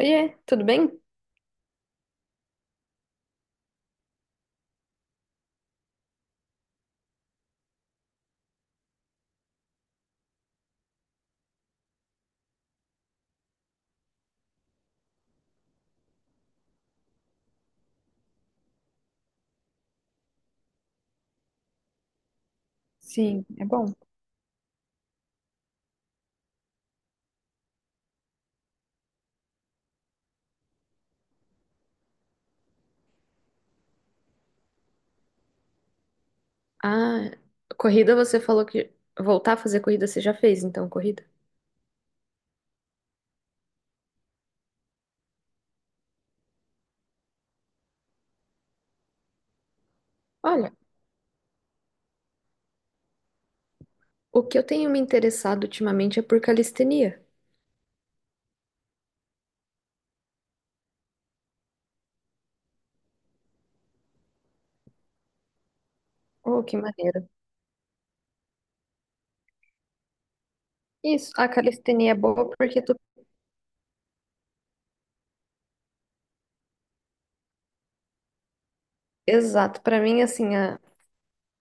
Oiê, tudo bem? Sim, é bom. Ah, corrida você falou que voltar a fazer corrida você já fez, então, corrida? Olha, o que eu tenho me interessado ultimamente é por calistenia. Oh, que maneiro. Isso, a calistenia é boa porque tu... Exato, pra mim, assim, a,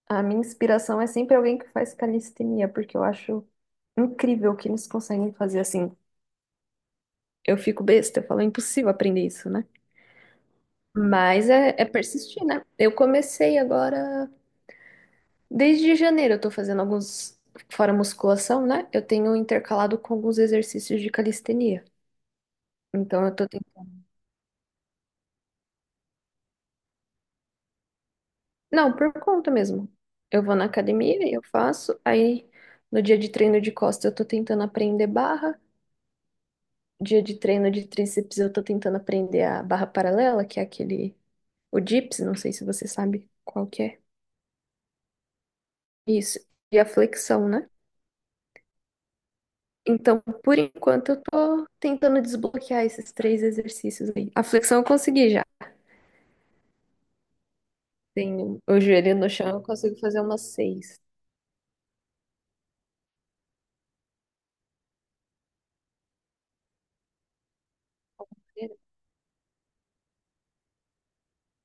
a minha inspiração é sempre alguém que faz calistenia, porque eu acho incrível o que eles conseguem fazer, assim. Eu fico besta, eu falo, é impossível aprender isso, né? Mas é persistir, né? Eu comecei agora... Desde janeiro eu tô fazendo alguns, fora musculação, né? Eu tenho intercalado com alguns exercícios de calistenia. Então eu tô tentando. Não, por conta mesmo. Eu vou na academia e eu faço. Aí no dia de treino de costa eu tô tentando aprender barra. Dia de treino de tríceps eu tô tentando aprender a barra paralela, que é aquele, o dips, não sei se você sabe qual que é. Isso. E a flexão, né? Então, por enquanto, eu tô tentando desbloquear esses três exercícios aí. A flexão eu consegui já. Tenho o joelho no chão, eu consigo fazer umas seis.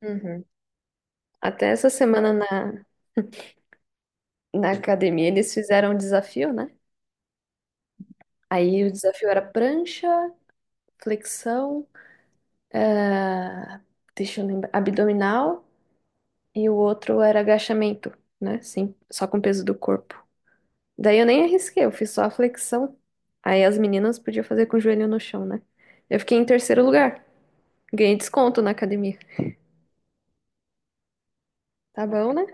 Uhum. Até essa semana na academia eles fizeram um desafio, né? Aí o desafio era prancha, flexão, eh, deixa eu lembrar, abdominal e o outro era agachamento, né? Sim, só com o peso do corpo. Daí eu nem arrisquei, eu fiz só a flexão. Aí as meninas podiam fazer com o joelho no chão, né? Eu fiquei em terceiro lugar, ganhei desconto na academia. Tá bom, né?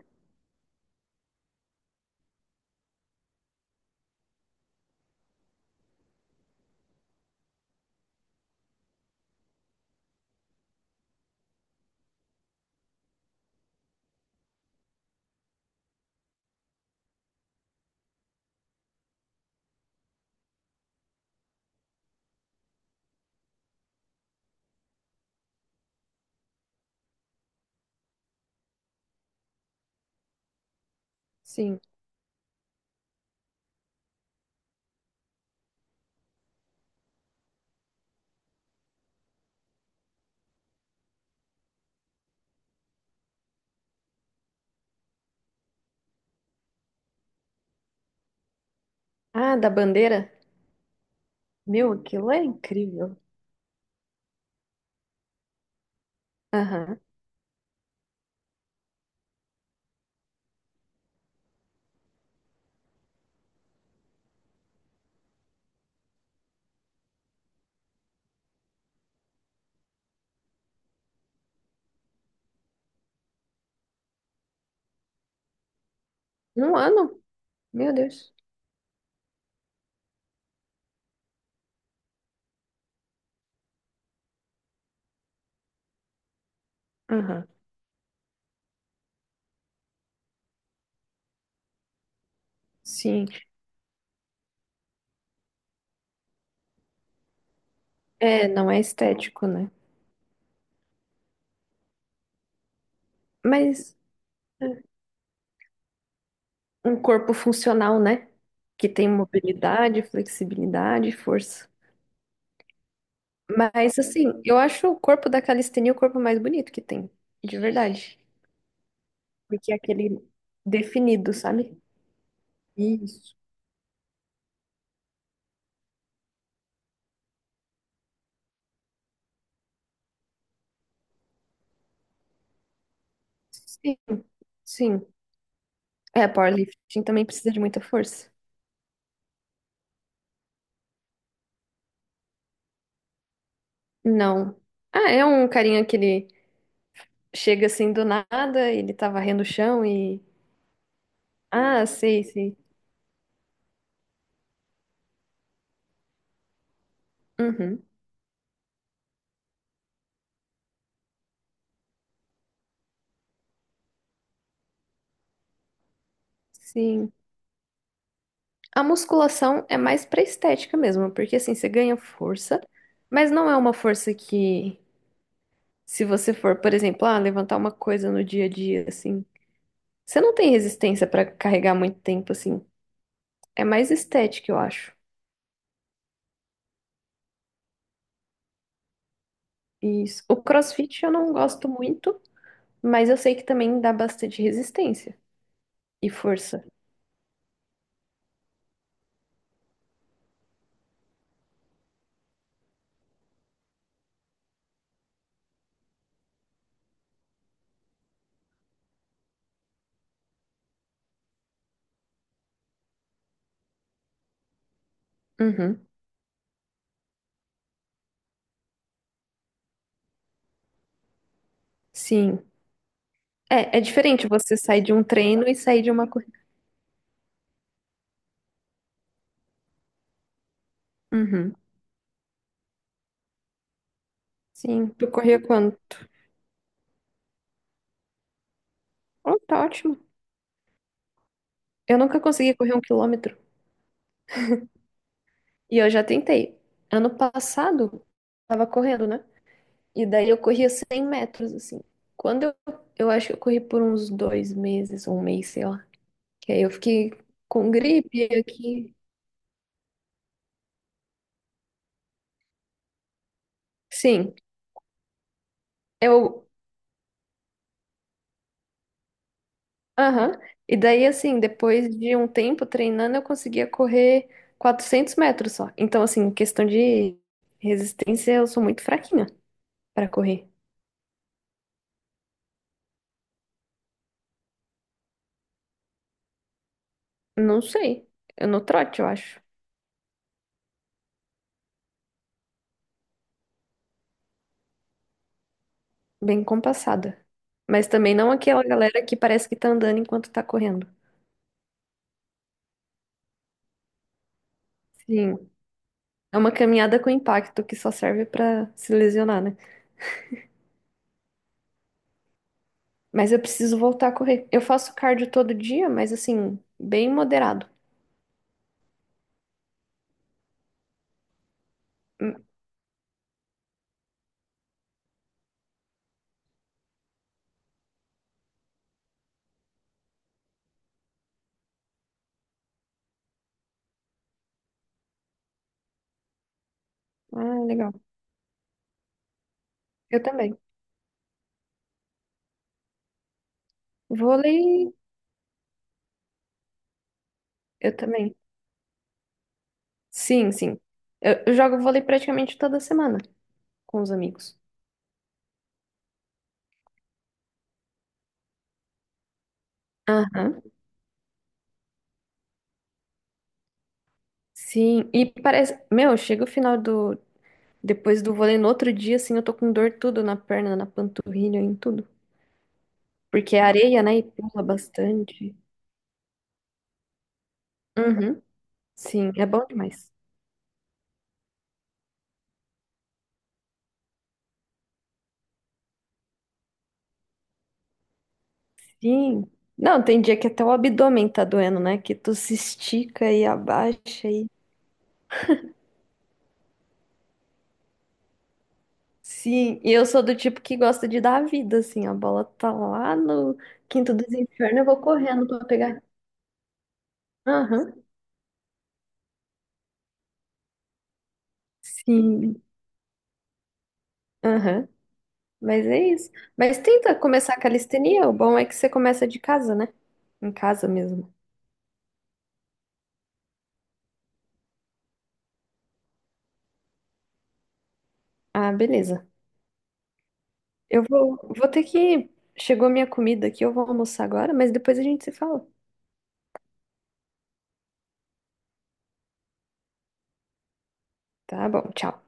Sim. Ah, da bandeira? Meu, aquilo é incrível. Aham. Num ano? Meu Deus. Aham. Sim. É, não é estético, né? Mas é, um corpo funcional, né? Que tem mobilidade, flexibilidade, e força. Mas, assim, eu acho o corpo da calistenia o corpo mais bonito que tem. De verdade. Porque é aquele definido, sabe? Isso. Sim, sim. É, powerlifting também precisa de muita força. Não. Ah, é um carinha que ele chega assim do nada, ele tá varrendo o chão e. Ah, sei, sei. Uhum, sim. A musculação é mais pra estética mesmo, porque assim, você ganha força, mas não é uma força que, se você for, por exemplo, ah, levantar uma coisa no dia a dia, assim, você não tem resistência pra carregar muito tempo, assim. É mais estética, eu acho. Isso. O CrossFit eu não gosto muito, mas eu sei que também dá bastante resistência e força. Uhum, sim. É, é diferente você sair de um treino e sair de uma corrida. Uhum. Sim, tu corria quando? Oh, tá ótimo. Eu nunca consegui correr um quilômetro. E eu já tentei. Ano passado, tava correndo, né? E daí eu corria 100 metros, assim. Quando eu, eu acho que eu corri por uns 2 meses, um mês, sei lá. Que aí eu fiquei com gripe aqui. Sim, eu. Aham. E daí, assim, depois de um tempo treinando, eu conseguia correr 400 metros só. Então, assim, em questão de resistência, eu sou muito fraquinha para correr. Não sei. Eu no trote, eu acho. Bem compassada. Mas também não aquela galera que parece que tá andando enquanto tá correndo. Sim. É uma caminhada com impacto que só serve para se lesionar, né? Mas eu preciso voltar a correr. Eu faço cardio todo dia, mas assim, bem moderado. Hum. Ah, legal. Eu também. Vôlei. Eu também. Sim, sim. Eu jogo vôlei praticamente toda semana com os amigos. Aham. Sim, e parece. Meu, chega o final do. Depois do vôlei, no outro dia, assim, eu tô com dor tudo na perna, na panturrilha, em tudo. Porque é areia, né? E pula bastante. Uhum. Sim, é bom demais. Sim. Não, tem dia que até o abdômen tá doendo, né? Que tu se estica e abaixa. Sim, e eu sou do tipo que gosta de dar a vida, assim, a bola tá lá no quinto dos infernos, eu vou correndo pra pegar. Aham, sim, aham, mas é isso. Mas tenta começar a calistenia, o bom é que você começa de casa, né? Em casa mesmo. Ah, beleza. Eu vou ter que. Chegou minha comida aqui, eu vou almoçar agora, mas depois a gente se fala. Tá bom, tchau.